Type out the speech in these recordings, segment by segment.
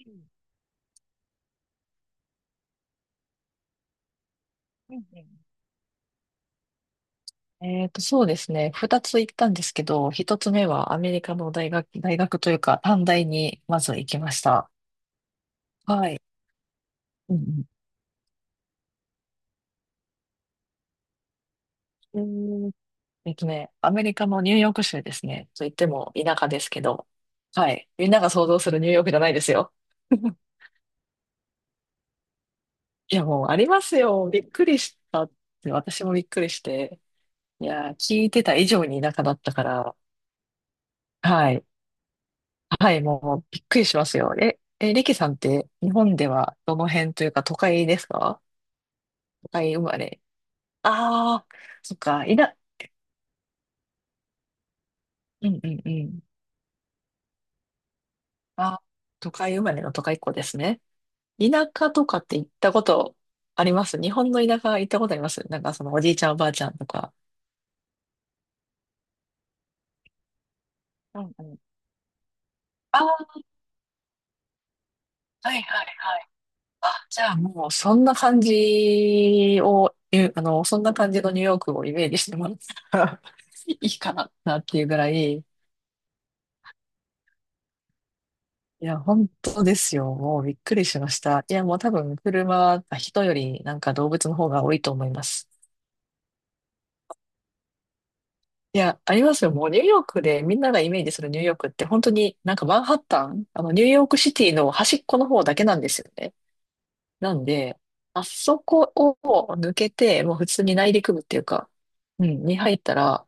うんうんそうですね。二つ行ったんですけど、一つ目はアメリカの大学、大学というか、短大にまず行きました。はい。うんうん。うーんアメリカのニューヨーク州ですね。と言っても田舎ですけど、はい。みんなが想像するニューヨークじゃないですよ。いや、もうありますよ。びっくりしたって、私もびっくりして。いや、聞いてた以上に田舎だったから、はい。はい、もうびっくりしますよ。リキさんって日本ではどの辺というか都会ですか？都会生まれ。ああ、そっか、いな、うんうんうん。あ、都会生まれの都会っ子ですね。田舎とかって行ったことあります？日本の田舎行ったことあります？なんかそのおじいちゃんおばあちゃんとか。うんうん。ああ、はいはいはい。あ、じゃあもうそんな感じのニューヨークをイメージしてもらったら いいかなっていうぐらい、いや、本当ですよ。もうびっくりしました。いや、もう多分人よりなんか動物の方が多いと思います。いや、ありますよ。もうニューヨークでみんながイメージするニューヨークって本当になんかマンハッタン、あのニューヨークシティの端っこの方だけなんですよね。なんで、あそこを抜けて、もう普通に内陸部っていうか、うん、に入ったら、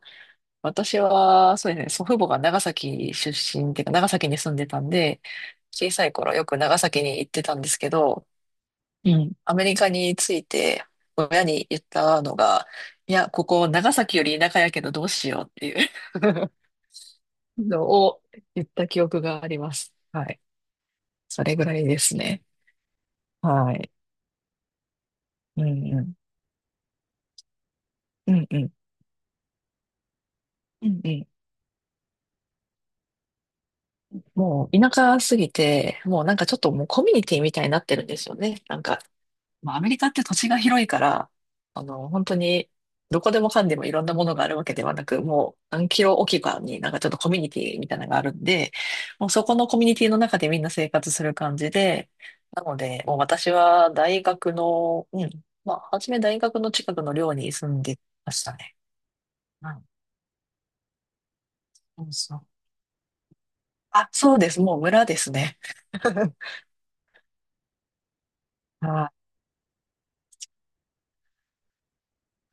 私は、そうですね、祖父母が長崎出身っていうか、長崎に住んでたんで、小さい頃よく長崎に行ってたんですけど、うん。アメリカに着いて、親に言ったのが、いや、ここ長崎より田舎やけどどうしようっていうのを言った記憶があります。はい。それぐらいですね。はい。うんうん。うんうん。うんうん。もう田舎すぎて、もうなんかちょっともうコミュニティみたいになってるんですよね。なんかまあ、アメリカって土地が広いから、あの、本当に、どこでもかんでもいろんなものがあるわけではなく、もう何キロおきかになんかちょっとコミュニティみたいなのがあるんで、もうそこのコミュニティの中でみんな生活する感じで、なので、もう私は大学の、うん、まあ、初め大学の近くの寮に住んでましたね。はい、そうそう。あ、そうです。もう村ですね。はい。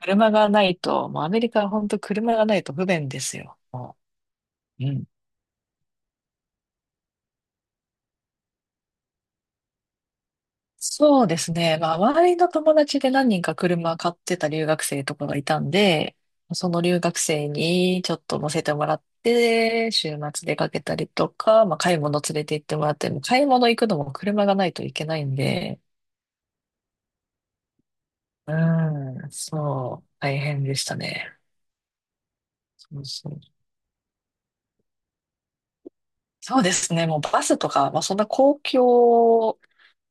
車がないと、もうアメリカは本当車がないと不便ですよ。もう、うん、そうですね。まあ、周りの友達で何人か車買ってた留学生とかがいたんで、その留学生にちょっと乗せてもらって、週末出かけたりとか、まあ、買い物連れて行ってもらって、もう買い物行くのも車がないといけないんで、うん、そう、大変でしたね。そうそう。そうですね。もうバスとか、まあ、そんな公共、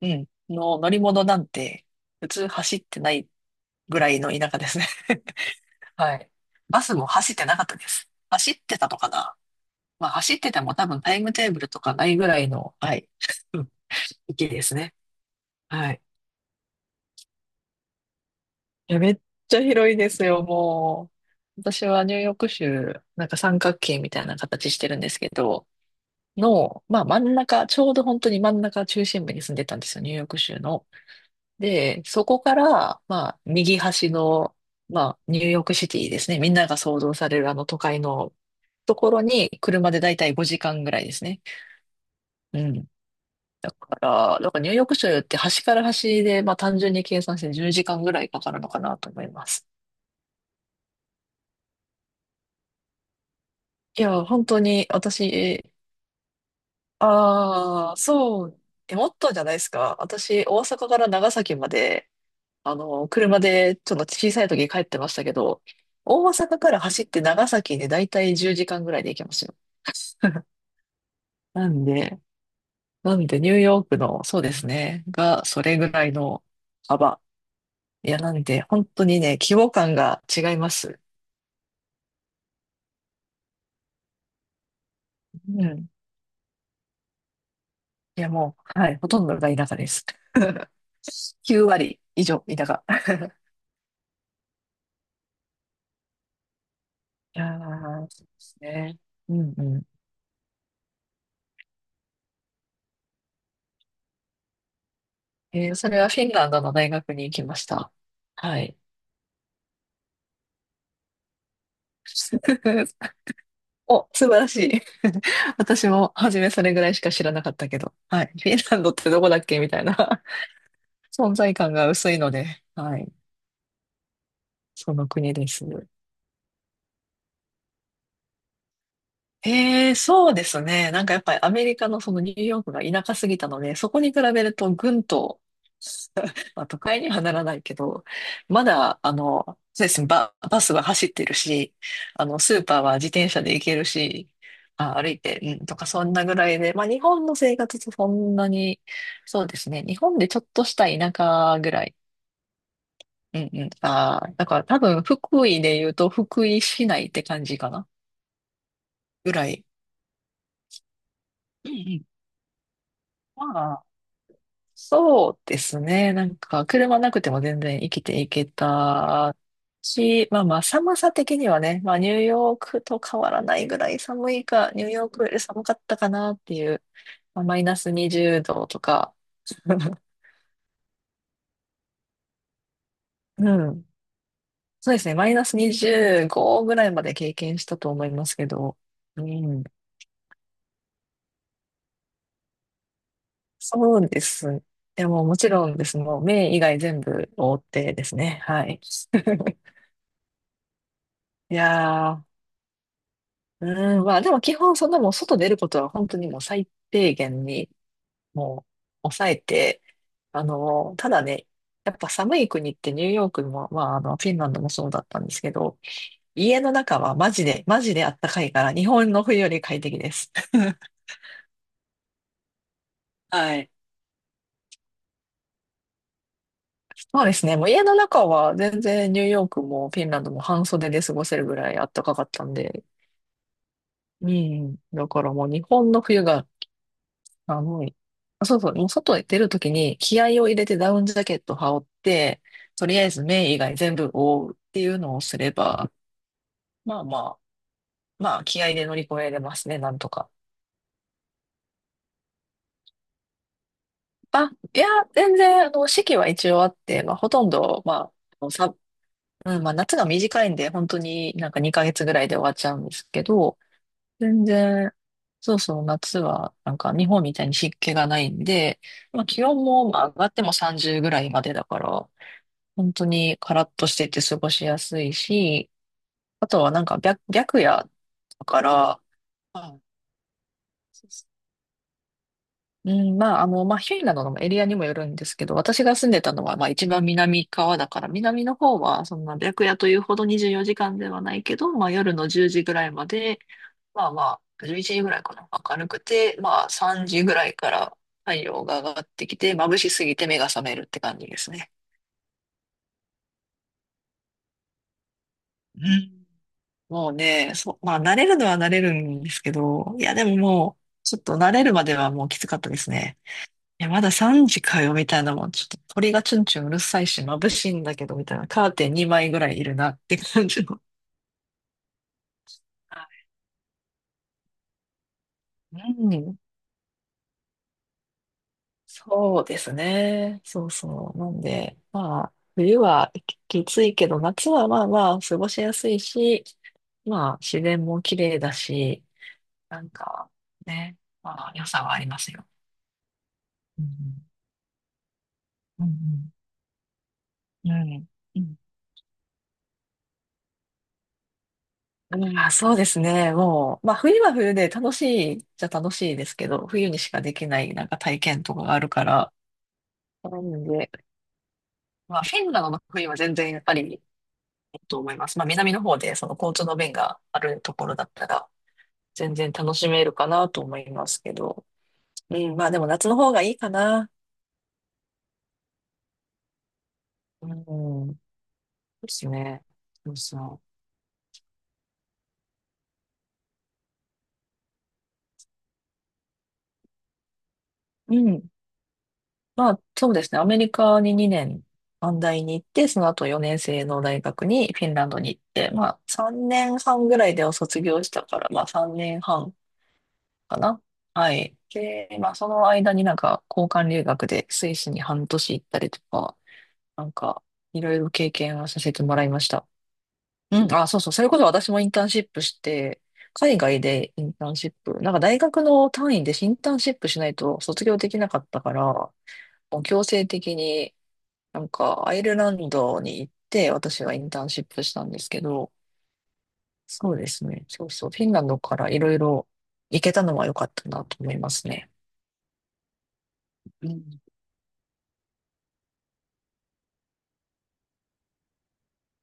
うん、の乗り物なんて、普通走ってないぐらいの田舎ですね。はい。バスも走ってなかったです。走ってたのかな？まあ走ってても多分タイムテーブルとかないぐらいの、はい、うん域ですね。はい。いや、めっちゃ広いですよ、もう。私はニューヨーク州、なんか三角形みたいな形してるんですけど、の、まあ真ん中、ちょうど本当に真ん中中心部に住んでたんですよ、ニューヨーク州の。で、そこから、まあ右端の、まあニューヨークシティですね。みんなが想像されるあの都会のところに車でだいたい5時間ぐらいですね。うん。だからニューヨーク州って端から端で、まあ単純に計算して10時間ぐらいかかるのかなと思います。いや、本当に私、ああ、そう、え、もっとじゃないですか。私、大阪から長崎まで、あの、車でちょっと小さい時帰ってましたけど、大阪から走って長崎でだいたい10時間ぐらいで行けますよ。なんで、なんでニューヨークの、そうですね、が、それぐらいの幅。いや、なんで、本当にね、規模感が違います。うん。いや、もう、はい、ほとんどが田舎です。9割以上田舎。いやー、そうですね。うんうん。えーそれはフィンランドの大学に行きました。はい。お、素晴らしい。私も初めそれぐらいしか知らなかったけど。はい。フィンランドってどこだっけみたいな。 存在感が薄いので、はい。その国です。ええ、そうですね。なんかやっぱりアメリカのそのニューヨークが田舎すぎたので、そこに比べるとぐんと、まあ、都会にはならないけど、まだ、あの、そうですね、バスは走ってるし、あの、スーパーは自転車で行けるし、あ、歩いて、うん、とかそんなぐらいで、まあ日本の生活とそんなに、そうですね、日本でちょっとした田舎ぐらい。うんうん。ああ、だから多分福井で言うと福井市内って感じかな、ぐらい。うんうん。まあそうですね。なんか、車なくても全然生きていけたし、まあまあ、寒さ的にはね、まあ、ニューヨークと変わらないぐらい寒いか、ニューヨークより寒かったかなっていう、まあ、マイナス20度とか、うん。そうですね。マイナス25ぐらいまで経験したと思いますけど。うん。そうです。でももちろんです。もう目以外全部覆ってですね。はい。いやー、うん、まあでも基本そんなもう外出ることは本当にもう最低限にもう抑えて、あの、ただね、やっぱ寒い国ってニューヨークも、まああのフィンランドもそうだったんですけど、家の中はマジであったかいから日本の冬より快適です。はい。そうですね、もう家の中は全然ニューヨークもフィンランドも半袖で過ごせるぐらいあったかかったんで、うん、だからもう日本の冬が寒い。あ、そうそう。もう外へ出るときに気合を入れてダウンジャケット羽織って、とりあえず目以外全部覆うっていうのをすれば、まあまあ、まあ気合で乗り越えれますね、なんとか。あ、いや、全然、あの、四季は一応あって、まあほとんど、まあ、あのさ、うん、まあ夏が短いんで、本当になんか2ヶ月ぐらいで終わっちゃうんですけど、全然、そうそう、夏はなんか日本みたいに湿気がないんで、まあ気温もまあ上がっても30ぐらいまでだから、本当にカラッとしてて過ごしやすいし、あとはなんか白夜だから、あ、そうそう、うん、まあ、あの、まあ、ヒュイなどのエリアにもよるんですけど、私が住んでたのは、まあ、一番南側だから、南の方は、そんな白夜というほど24時間ではないけど、まあ、夜の10時ぐらいまで、まあまあ、11時ぐらいかな、明るくて、まあ、3時ぐらいから太陽が上がってきて、眩しすぎて目が覚めるって感じですね。うん、もうね、そう、まあ慣れるのは慣れるんですけど、いやでももう、ちょっと慣れるまではもうきつかったですね。いや、まだ3時かよ、みたいなもん。ちょっと鳥がチュンチュンうるさいし、眩しいんだけど、みたいな。カーテン2枚ぐらいいるなって感じの。はい、うん、そうですね。そうそう。なんで、まあ、冬はきついけど、夏はまあまあ、過ごしやすいし、まあ、自然も綺麗だし、なんか、ね、まあ、良さはありますよ。うんうんうんうん。うんうん、あ、そうですね。もう、まあ冬は冬で楽しいですけど、冬にしかできないなんか体験とかがあるから、なんで、まあフィンランドの冬は全然やっぱりいいと思います。まあ南の方でその交通の便があるところだったら、全然楽しめるかなと思いますけど、うん、まあでも夏の方がいいかな。うん、ですね。そうそう。うん、まあ、そうですね。アメリカに2年、短大に行って、その後4年生の大学にフィンランドに行って、まあ、3年半ぐらいでお卒業したから、まあ、3年半かな。はい。で、まあ、その間になんか、交換留学でスイスに半年行ったりとか、なんか、いろいろ経験をさせてもらいました。うん、あ、そうそう。それこそ私もインターンシップして、海外でインターンシップ、なんか大学の単位でインターンシップしないと卒業できなかったから、もう強制的に、なんか、アイルランドに行って、私はインターンシップしたんですけど、そうですね。そうそう。フィンランドからいろいろ行けたのは良かったなと思いますね。うん、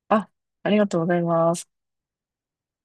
あ、ありがとうございます。